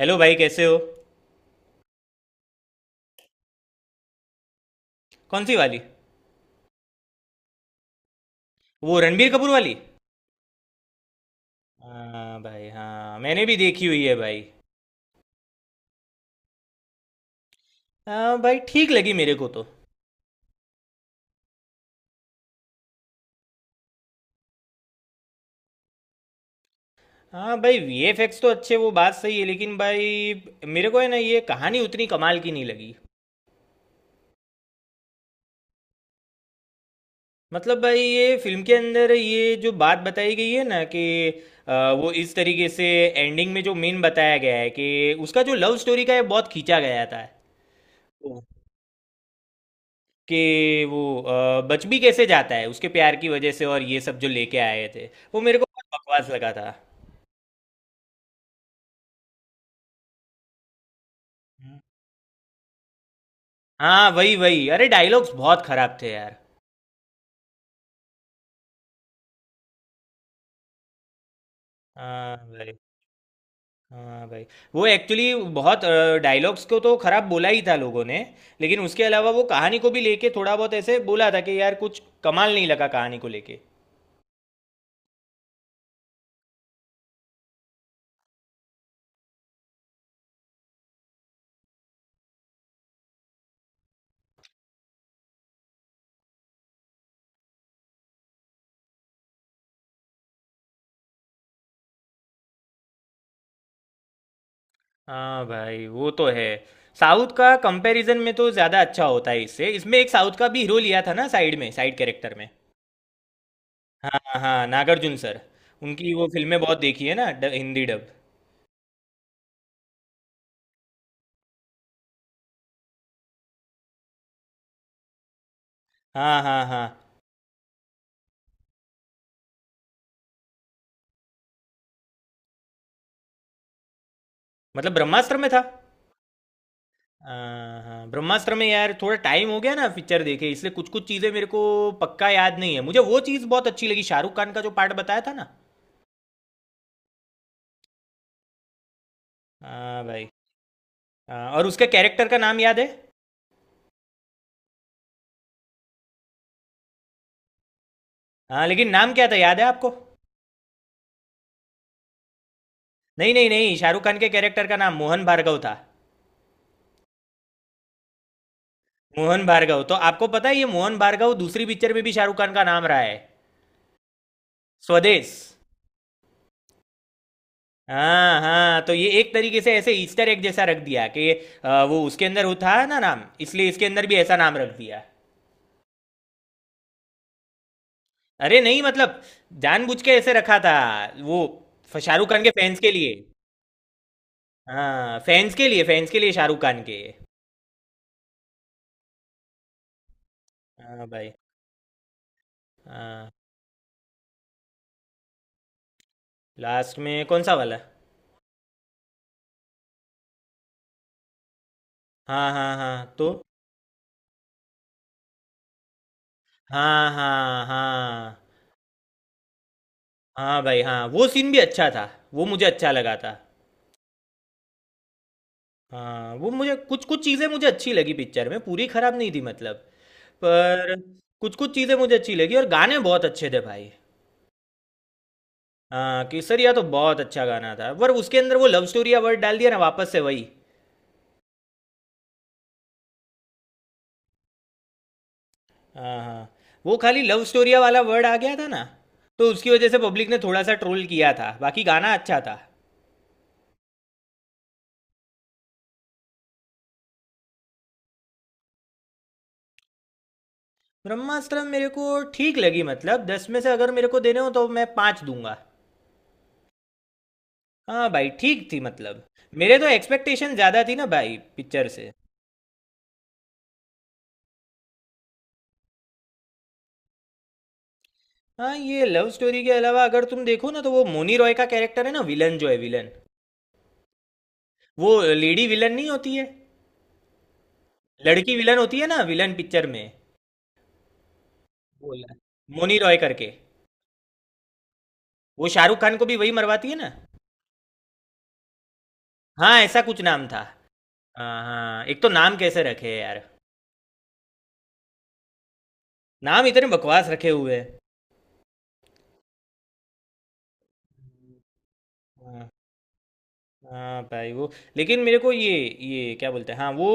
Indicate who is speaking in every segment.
Speaker 1: Hello भाई कैसे हो। कौन सी वाली? वो रणबीर कपूर वाली। हाँ भाई, हाँ, मैंने भी देखी हुई है भाई। हाँ भाई, ठीक लगी मेरे को तो। हाँ भाई, वीएफएक्स तो अच्छे, वो बात सही है, लेकिन भाई मेरे को है ना, ये कहानी उतनी कमाल की नहीं लगी। मतलब भाई, ये फिल्म के अंदर ये जो बात बताई गई है ना कि वो इस तरीके से एंडिंग में जो मेन बताया गया है कि उसका जो लव स्टोरी का है, बहुत खींचा गया था कि वो बच भी कैसे जाता है उसके प्यार की वजह से, और ये सब जो लेके आए थे वो मेरे को बहुत बकवास लगा था। हम्म। हाँ, वही वही, अरे डायलॉग्स बहुत खराब थे यार। हाँ भाई। हाँ भाई वो एक्चुअली बहुत डायलॉग्स को तो खराब बोला ही था लोगों ने, लेकिन उसके अलावा वो कहानी को भी लेके थोड़ा बहुत ऐसे बोला था कि यार कुछ कमाल नहीं लगा कहानी को लेके। हाँ भाई, वो तो है। साउथ का कंपैरिजन में तो ज़्यादा अच्छा होता है इससे। इसमें एक साउथ का भी हीरो लिया था ना, साइड में, साइड कैरेक्टर में। हाँ हाँ हाँ, नागार्जुन सर। उनकी वो फिल्में बहुत देखी है ना हिंदी डब। हाँ हाँ हाँ। मतलब ब्रह्मास्त्र में था? हाँ हाँ ब्रह्मास्त्र में। यार थोड़ा टाइम हो गया ना पिक्चर देखे, इसलिए कुछ कुछ चीज़ें मेरे को पक्का याद नहीं है मुझे। वो चीज़ बहुत अच्छी लगी, शाहरुख खान का जो पार्ट बताया था ना। हाँ भाई। हाँ, और उसके कैरेक्टर का नाम याद है? हाँ लेकिन नाम क्या था, याद है आपको? नहीं नहीं नहीं, शाहरुख खान के कैरेक्टर का नाम मोहन भार्गव था। मोहन भार्गव, तो आपको पता है ये मोहन भार्गव दूसरी पिक्चर में भी शाहरुख खान का नाम रहा है। स्वदेश। हाँ हाँ, तो ये एक तरीके से ऐसे ईस्टर एग जैसा रख दिया कि वो उसके अंदर होता है ना नाम, इसलिए इसके अंदर भी ऐसा नाम रख दिया। अरे नहीं, मतलब जानबूझ के ऐसे रखा था वो शाहरुख खान के फैंस के लिए। हाँ, फैंस के लिए, फैंस के लिए शाहरुख खान के। हाँ भाई। हाँ। लास्ट में कौन सा वाला? हाँ हाँ हाँ, तो। हाँ हाँ हाँ। हाँ भाई हाँ, वो सीन भी अच्छा था, वो मुझे अच्छा लगा था। हाँ, वो मुझे कुछ कुछ चीज़ें मुझे अच्छी लगी पिक्चर में, पूरी खराब नहीं थी मतलब। पर कुछ कुछ चीज़ें मुझे अच्छी लगी और गाने बहुत अच्छे थे भाई। हाँ, केसरिया तो बहुत अच्छा गाना था, पर उसके अंदर वो लव स्टोरिया वर्ड डाल दिया ना, वापस से वही। हाँ हाँ। वो खाली लव स्टोरिया वाला वर्ड आ गया था ना, तो उसकी वजह से पब्लिक ने थोड़ा सा ट्रोल किया था, बाकी गाना अच्छा था। ब्रह्मास्त्र मेरे को ठीक लगी, मतलब दस में से अगर मेरे को देने हो तो मैं पाँच दूंगा। हाँ भाई, ठीक थी मतलब, मेरे तो एक्सपेक्टेशन ज़्यादा थी ना भाई पिक्चर से। हाँ, ये लव स्टोरी के अलावा अगर तुम देखो ना, तो वो मोनी रॉय का कैरेक्टर है ना, विलन जो है, विलन वो लेडी विलन नहीं होती है, लड़की विलन होती है ना विलन पिक्चर में। बोला मोनी रॉय करके। वो शाहरुख खान को भी वही मरवाती है ना। हाँ ऐसा कुछ नाम था। हाँ हाँ, एक तो नाम कैसे रखे हैं यार, नाम इतने बकवास रखे हुए हैं। हाँ। हाँ भाई वो, लेकिन मेरे को ये क्या बोलते हैं, हाँ वो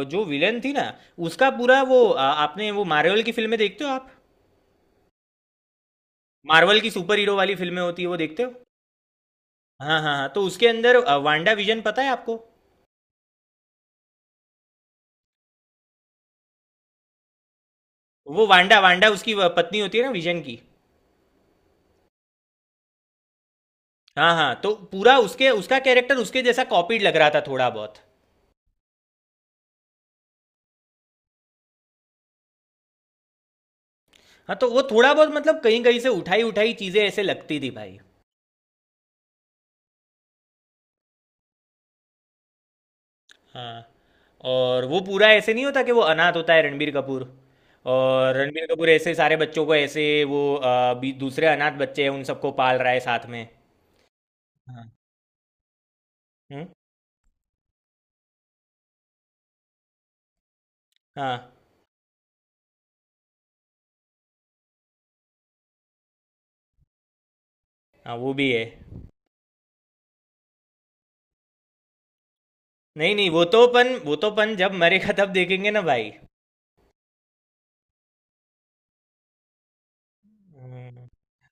Speaker 1: जो विलन थी ना, उसका पूरा वो आपने वो मार्वल की फिल्में देखते हो आप? मार्वल की सुपर हीरो वाली फिल्में होती है, वो देखते हो? हाँ हाँ हाँ, तो उसके अंदर वांडा विजन पता है आपको? वो वांडा वांडा उसकी पत्नी होती है ना विजन की। हाँ, हाँ, तो पूरा उसके उसका कैरेक्टर उसके जैसा कॉपीड लग रहा था थोड़ा बहुत। हाँ, तो वो थोड़ा बहुत मतलब कहीं-कहीं से उठाई-उठाई चीज़ें ऐसे लगती थी भाई। हाँ, और वो पूरा ऐसे नहीं होता कि वो अनाथ होता है रणबीर कपूर, और रणबीर कपूर ऐसे सारे बच्चों को ऐसे वो बी दूसरे अनाथ बच्चे हैं उन सबको पाल रहा है साथ में। हाँ। हुँ? हाँ, हाँ, वो भी है। नहीं, नहीं, वो तो अपन जब मरेगा तब देखेंगे ना भाई। हुँ।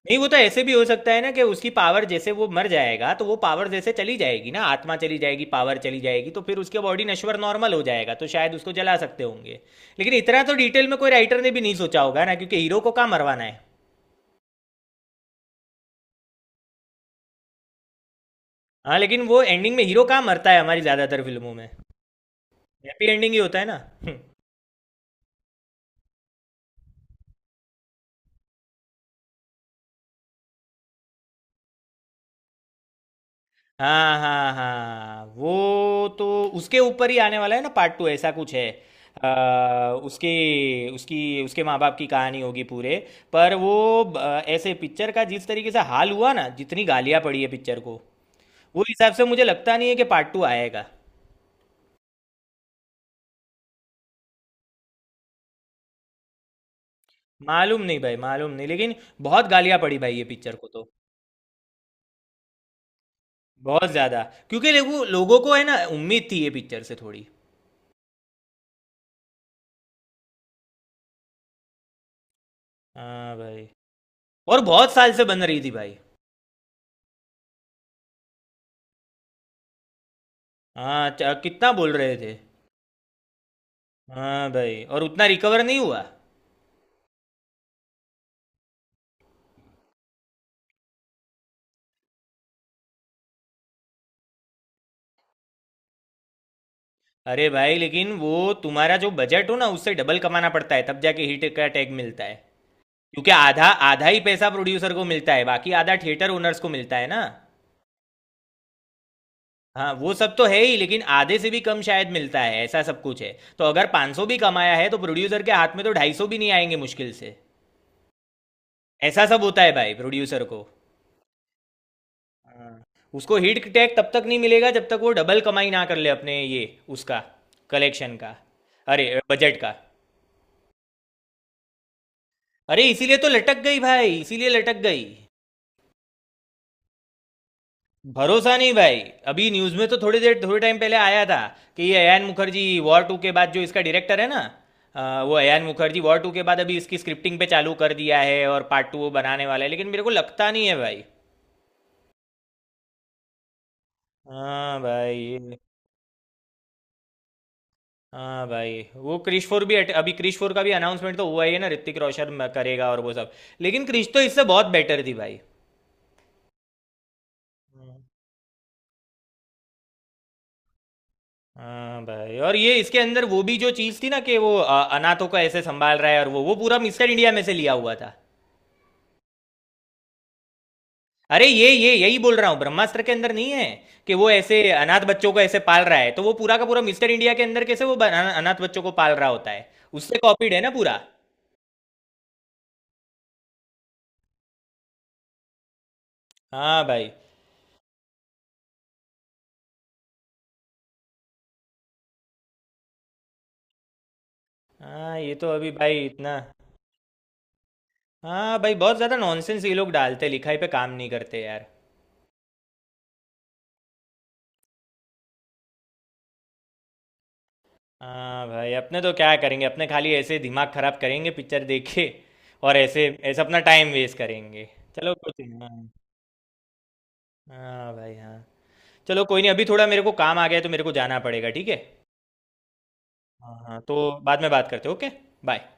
Speaker 1: नहीं, वो तो ऐसे भी हो सकता है ना कि उसकी पावर जैसे वो मर जाएगा तो वो पावर जैसे चली जाएगी ना, आत्मा चली जाएगी, पावर चली जाएगी, तो फिर उसके बॉडी नश्वर नॉर्मल हो जाएगा तो शायद उसको जला सकते होंगे। लेकिन इतना तो डिटेल में कोई राइटर ने भी नहीं सोचा होगा ना, क्योंकि हीरो को कहाँ मरवाना है। हाँ, लेकिन वो एंडिंग में हीरो कहाँ मरता है हमारी ज़्यादातर फिल्मों में, हैप्पी एंडिंग ही होता है ना। हाँ हाँ हाँ, वो तो उसके ऊपर ही आने वाला है ना पार्ट टू, ऐसा कुछ है। उसकी उसकी उसके माँ बाप की कहानी होगी पूरे, पर वो अ, ऐसे पिक्चर का जिस तरीके से हाल हुआ ना, जितनी गालियाँ पड़ी है पिक्चर को, वो हिसाब से मुझे लगता नहीं है कि पार्ट टू आएगा। मालूम नहीं भाई, मालूम नहीं, लेकिन बहुत गालियाँ पड़ी भाई ये पिक्चर को तो, बहुत ज़्यादा, क्योंकि लोगों लोगों को है ना उम्मीद थी ये पिक्चर से थोड़ी। हाँ भाई। और बहुत साल से बन रही थी भाई। हाँ, कितना बोल रहे थे? हाँ भाई, और उतना रिकवर नहीं हुआ। अरे भाई, लेकिन वो तुम्हारा जो बजट हो ना, उससे डबल कमाना पड़ता है तब जाके हिट का टैग मिलता है, क्योंकि आधा आधा ही पैसा प्रोड्यूसर को मिलता है, बाकी आधा थिएटर ओनर्स को मिलता है ना। हाँ, वो सब तो है ही, लेकिन आधे से भी कम शायद मिलता है, ऐसा सब कुछ है। तो अगर 500 भी कमाया है तो प्रोड्यूसर के हाथ में तो 250 भी नहीं आएंगे मुश्किल से। ऐसा सब होता है भाई प्रोड्यूसर को। हाँ। उसको हिट टैग तब तक नहीं मिलेगा जब तक वो डबल कमाई ना कर ले अपने ये, उसका कलेक्शन का, अरे बजट का। अरे इसीलिए तो लटक गई भाई, इसीलिए लटक गई। भरोसा नहीं भाई। अभी न्यूज़ में तो थोड़ी देर, थोड़े टाइम पहले आया था कि ये अयान मुखर्जी वॉर टू के बाद, जो इसका डायरेक्टर है ना, वो अयान मुखर्जी वॉर टू के बाद अभी इसकी स्क्रिप्टिंग पे चालू कर दिया है, और पार्ट टू वो बनाने वाला है, लेकिन मेरे को लगता नहीं है भाई। हाँ भाई ये-। हाँ भाई, वो क्रिश फोर भी अभी क्रिश फोर का भी अनाउंसमेंट तो हुआ ही है ना, ऋतिक रोशन करेगा और वो सब, लेकिन क्रिश तो इससे बहुत बेटर थी भाई। हम्म। हाँ भाई, और ये इसके अंदर वो भी जो चीज़ थी ना कि वो अनाथों का ऐसे संभाल रहा है, और वो पूरा मिस्टर इंडिया में से लिया हुआ था। अरे ये यही बोल रहा हूँ ब्रह्मास्त्र के अंदर नहीं है, कि वो ऐसे अनाथ बच्चों को ऐसे पाल रहा है तो वो पूरा का पूरा मिस्टर इंडिया के अंदर कैसे वो अनाथ बच्चों को पाल रहा होता है। उससे कॉपीड है ना पूरा। हाँ भाई। हाँ, ये तो अभी भाई इतना। हाँ भाई, बहुत ज़्यादा नॉनसेंस ये लोग डालते, लिखाई पे काम नहीं करते यार। हाँ भाई, अपने तो क्या करेंगे, अपने खाली ऐसे दिमाग खराब करेंगे पिक्चर देखे और ऐसे ऐसे अपना टाइम वेस्ट करेंगे। चलो, कुछ नहीं, हाँ। हाँ भाई, हाँ। चलो कोई नहीं, अभी थोड़ा मेरे को काम आ गया है तो मेरे को जाना पड़ेगा, ठीक है। हाँ हाँ तो बाद में बात करते हैं, ओके। बाय।